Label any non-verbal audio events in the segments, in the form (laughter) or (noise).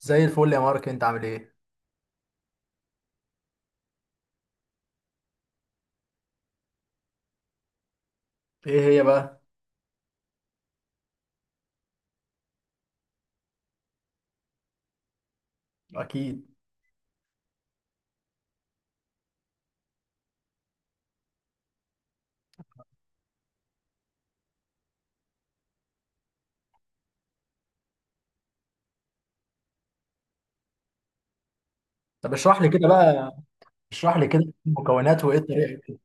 زي الفل يا مارك، انت عامل ايه؟ ايه هي بقى؟ اكيد. طب اشرح لي كده بقى، اشرح لي كده المكونات وايه الطريقة.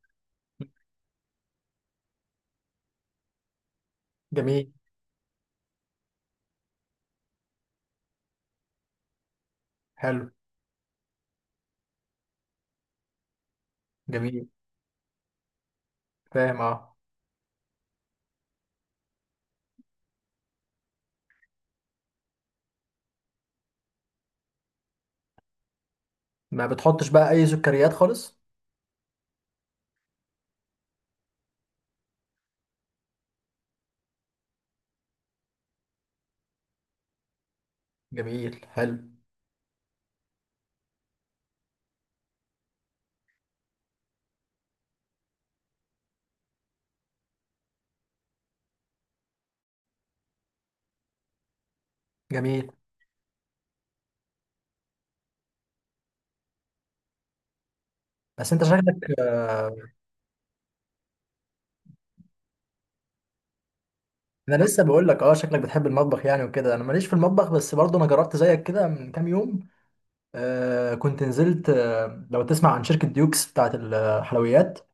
جميل. حلو. جميل. فاهم اه. ما بتحطش بقى اي سكريات خالص؟ جميل. حلو. جميل. بس انت شكلك، انا لسه بقول لك اه شكلك بتحب المطبخ يعني وكده. انا ماليش في المطبخ، بس برضه انا جربت زيك كده من كام يوم. آه كنت نزلت، آه لو تسمع عن شركة ديوكس بتاعت الحلويات.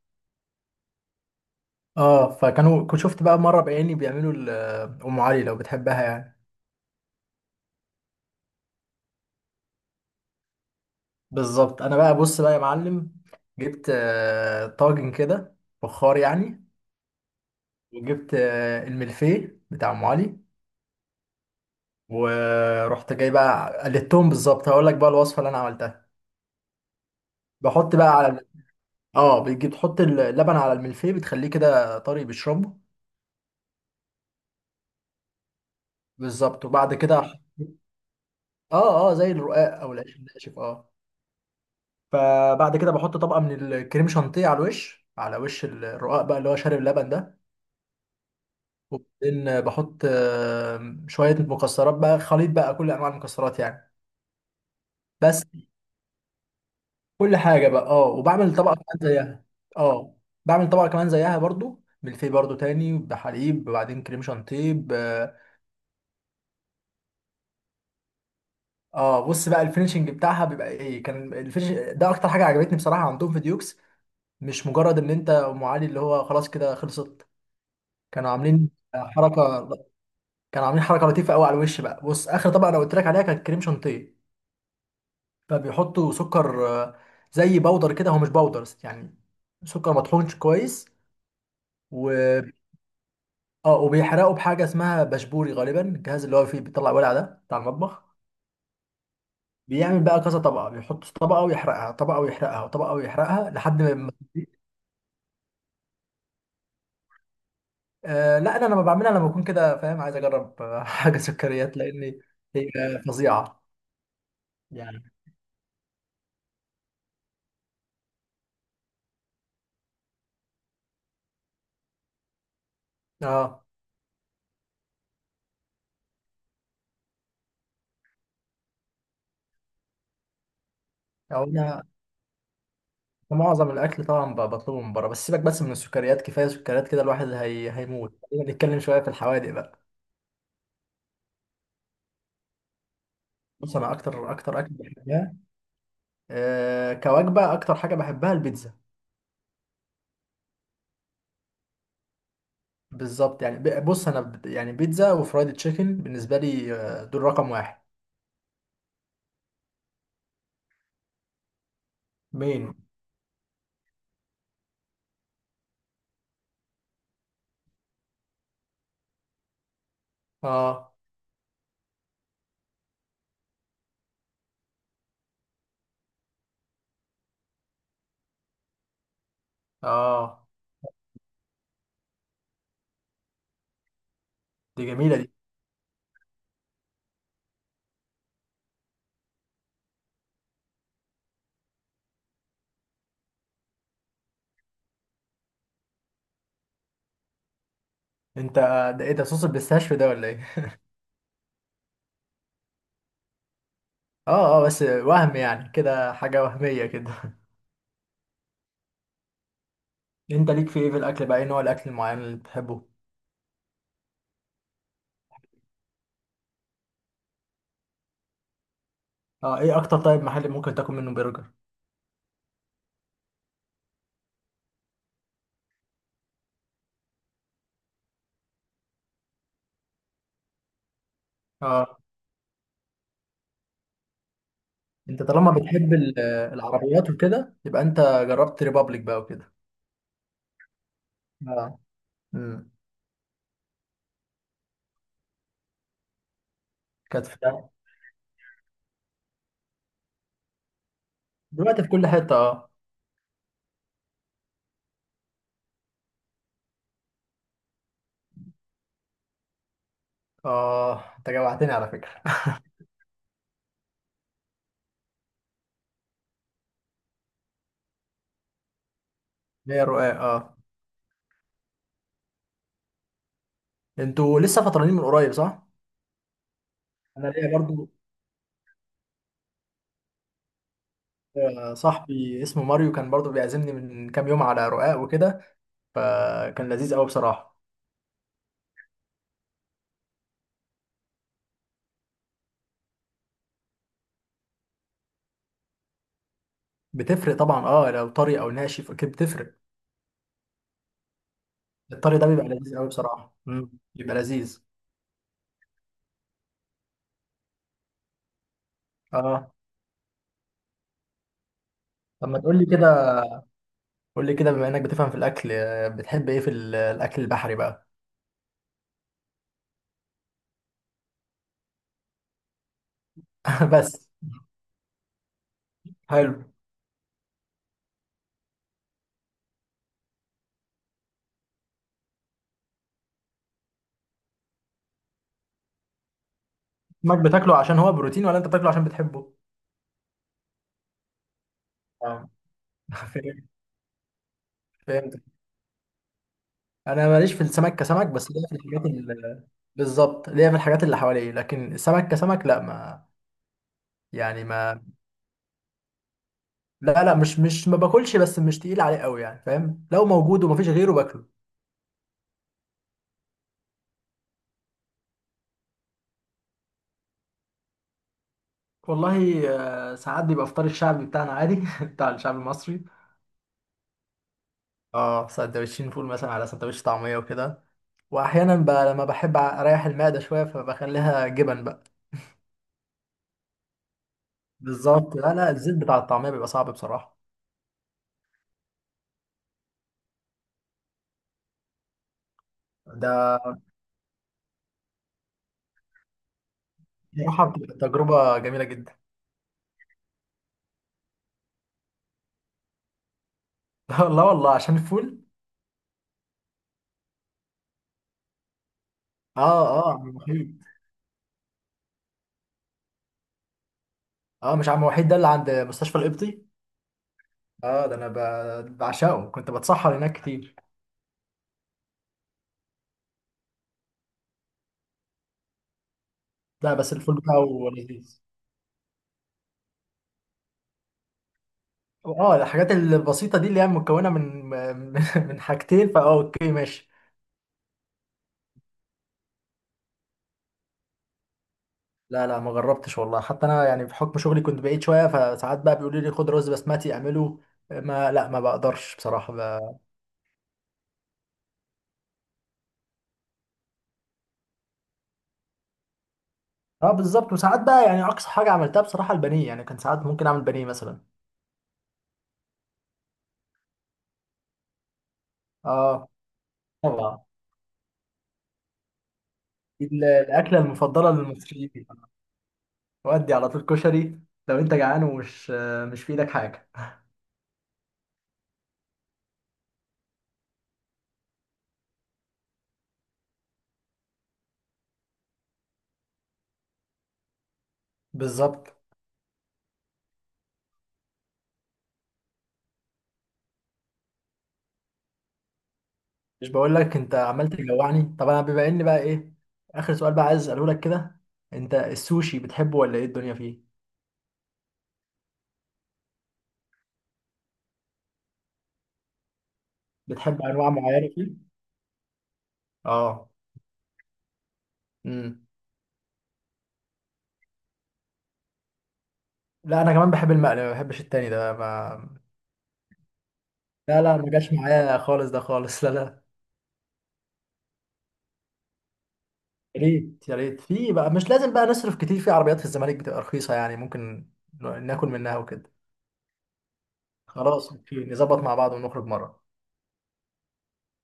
اه فكانوا، كنت شفت بقى مرة بعيني بيعملوا ام علي لو بتحبها يعني. بالظبط. انا بقى بص بقى يا معلم، جبت طاجن كده، فخار يعني. وجبت الملفيه بتاع ام علي. ورحت جاي بقى قلدتهم بالظبط، هقول لك بقى الوصفه اللي انا عملتها. بحط بقى على الم- (laughs) اه، بتجيب تحط اللبن على الملفيه بتخليه كده طري بيشربه. بالظبط. اه اه زي الرقاق او العيش الناشف اه. فبعد كده بحط طبقه من الكريم شانتيه على الوش، على وش الرقاق بقى اللي هو شارب اللبن ده. وبعدين بحط شوية مكسرات بقى، خليط بقى كل أنواع المكسرات يعني. بس. كل حاجة بقى اه، وبعمل طبقة كمان زيها. اه. بعمل طبقة كمان زيها برضو، بالفي برضو تاني بحليب، وبعدين كريم شانتيه ب-. اه بص بقى، الفينشنج بتاعها بيبقى ايه، كان الفينش ده اكتر حاجة عجبتني بصراحة عندهم في ديوكس. مش مجرد ان انت ام علي اللي هو خلاص كده خلصت، كانوا عاملين حركة. كانوا عاملين حركة لطيفة قوي على الوش بقى. بص، اخر طبقة انا قلت لك عليها كانت كريم شانتيه، فبيحطوا سكر زي بودر كده، هو مش بودر يعني، سكر مطحونش كويس. و اه، وبيحرقوا بحاجه اسمها بشبوري غالبا، الجهاز اللي هو فيه بيطلع ولع ده بتاع المطبخ. بيعمل بقى كذا طبقه، بيحط طبقه ويحرقها، طبقه ويحرقها، وطبقه ويحرقها، لحد ما. آه لا، انا لما بعملها لما بكون كده فاهم عايز اجرب (laughs) حاجه سكريات، لان هي فظيعه يعني. اه. معظم الاكل طبعا بطلبه من بره. بس سيبك بس من السكريات، كفايه سكريات كده الواحد هيموت. خلينا نتكلم شويه في الحوادق بقى. بص انا اكتر اكتر اكل بحبها، أه كوجبه اكتر حاجه بحبها البيتزا. بالظبط يعني، بص انا يعني بيتزا وفرايد تشيكن بالنسبه لي، دول رقم واحد. مين؟ اه اه. دي جميله دي. انت ده ايه ده، صوص البيستاشيو ده ولا ايه؟ (laughs) اه اه، بس وهم يعني كده، حاجه وهميه كده. (laughs) انت ليك في ايه في الاكل بقى، ايه نوع الاكل المعين اللي بتحبه؟ اه، ايه اكتر طيب محل ممكن تاكل منه برجر؟ اه. انت طالما بتحب العربيات وكده، يبقى انت جربت ريبابليك بقى وكده. اه. امم. كانت في، دلوقتي في كل حته اه. اه انت جوعتني على فكره. هي رقاق اه. انتوا لسه فطرانين من قريب صح؟ انا ليا برضو صاحبي اسمه ماريو كان برضو بيعزمني من كام يوم على رقاق وكده، فكان لذيذ قوي بصراحه. بتفرق طبعا اه، لو طري او ناشف اكيد بتفرق. الطري ده بيبقى لذيذ قوي بصراحه، بيبقى لذيذ. اه. طب ما تقول لي كده، قول لي كده بما انك بتفهم في الاكل، بتحب ايه في الاكل البحري بقى؟ (laughs) بس. حلو. سمك بتاكله عشان هو بروتين ولا انت بتاكله عشان بتحبه؟ آه. (laughs) فهمت. فهمت. انا ماليش في السمك كسمك، بس ليا في الحاجات ال-. بالظبط، ليا في الحاجات اللي حواليه، لكن السمك كسمك لا، ما يعني ما. لا لا، مش مش ما باكلش، بس مش تقيل عليه قوي يعني فاهم، لو موجود ومفيش غيره باكله. والله، ساعات بيبقى فطار الشعبي بتاعنا عادي (laughs) بتاع الشعب المصري. اه سندوتشين فول مثلا، على سندوتش طعميه وكده. واحيانا بقى لما بحب اريح المعده شويه فبخليها جبن بقى. بالظبط، لا لا، الزيت بتاع الطعميه بيبقى صعب بصراحه. ده بصراحه بتبقى تجربه جميله جدا. (laughs) لا والله عشان الفول. اه اه عم وحيد. اه مش عم وحيد ده اللي عند مستشفى القبطي؟ اه، ده انا بعشقه، كنت بتسحر هناك كتير. لا، بس الفول بتاعه لذيذ. اه، الحاجات البسيطه دي اللي هي مكونه من من (laughs) من حاجتين، فاه اوكي ماشي. لا لا ما جربتش والله، حتى انا يعني بحكم شغلي كنت بعيد شويه، فساعات بقى بيقولوا لي خد رز بسمتي اعمله. ما لا ما بقدرش بصراحه ب... اه بالظبط. وساعات بقى يعني اقصى حاجه عملتها بصراحه البانيه يعني، كان ساعات ممكن اعمل بانيه مثلا. اه طبعا. دي الاكله المفضله للمصريين. ودي على طول كشري، لو انت جعان ومش، مش في ايدك حاجه. بالظبط. مش بقول لك انت عمال تجوعني. طب انا بما اني بقى ايه، اخر سؤال بقى عايز اساله لك كده، انت السوشي بتحبه ولا ايه الدنيا فيه؟ بتحب انواع معينه فيه؟ اه. امم. لا انا كمان بحب المقلي، ما بحبش التاني ده ما. لا لا ما جاش معايا خالص ده خالص (laughs) لا لا. يا ريت يا ريت، في بقى مش لازم بقى نصرف كتير، في عربيات في الزمالك بتبقى رخيصة يعني ممكن ناكل منها وكده. خلاص اوكي، نظبط مع بعض ونخرج مرة.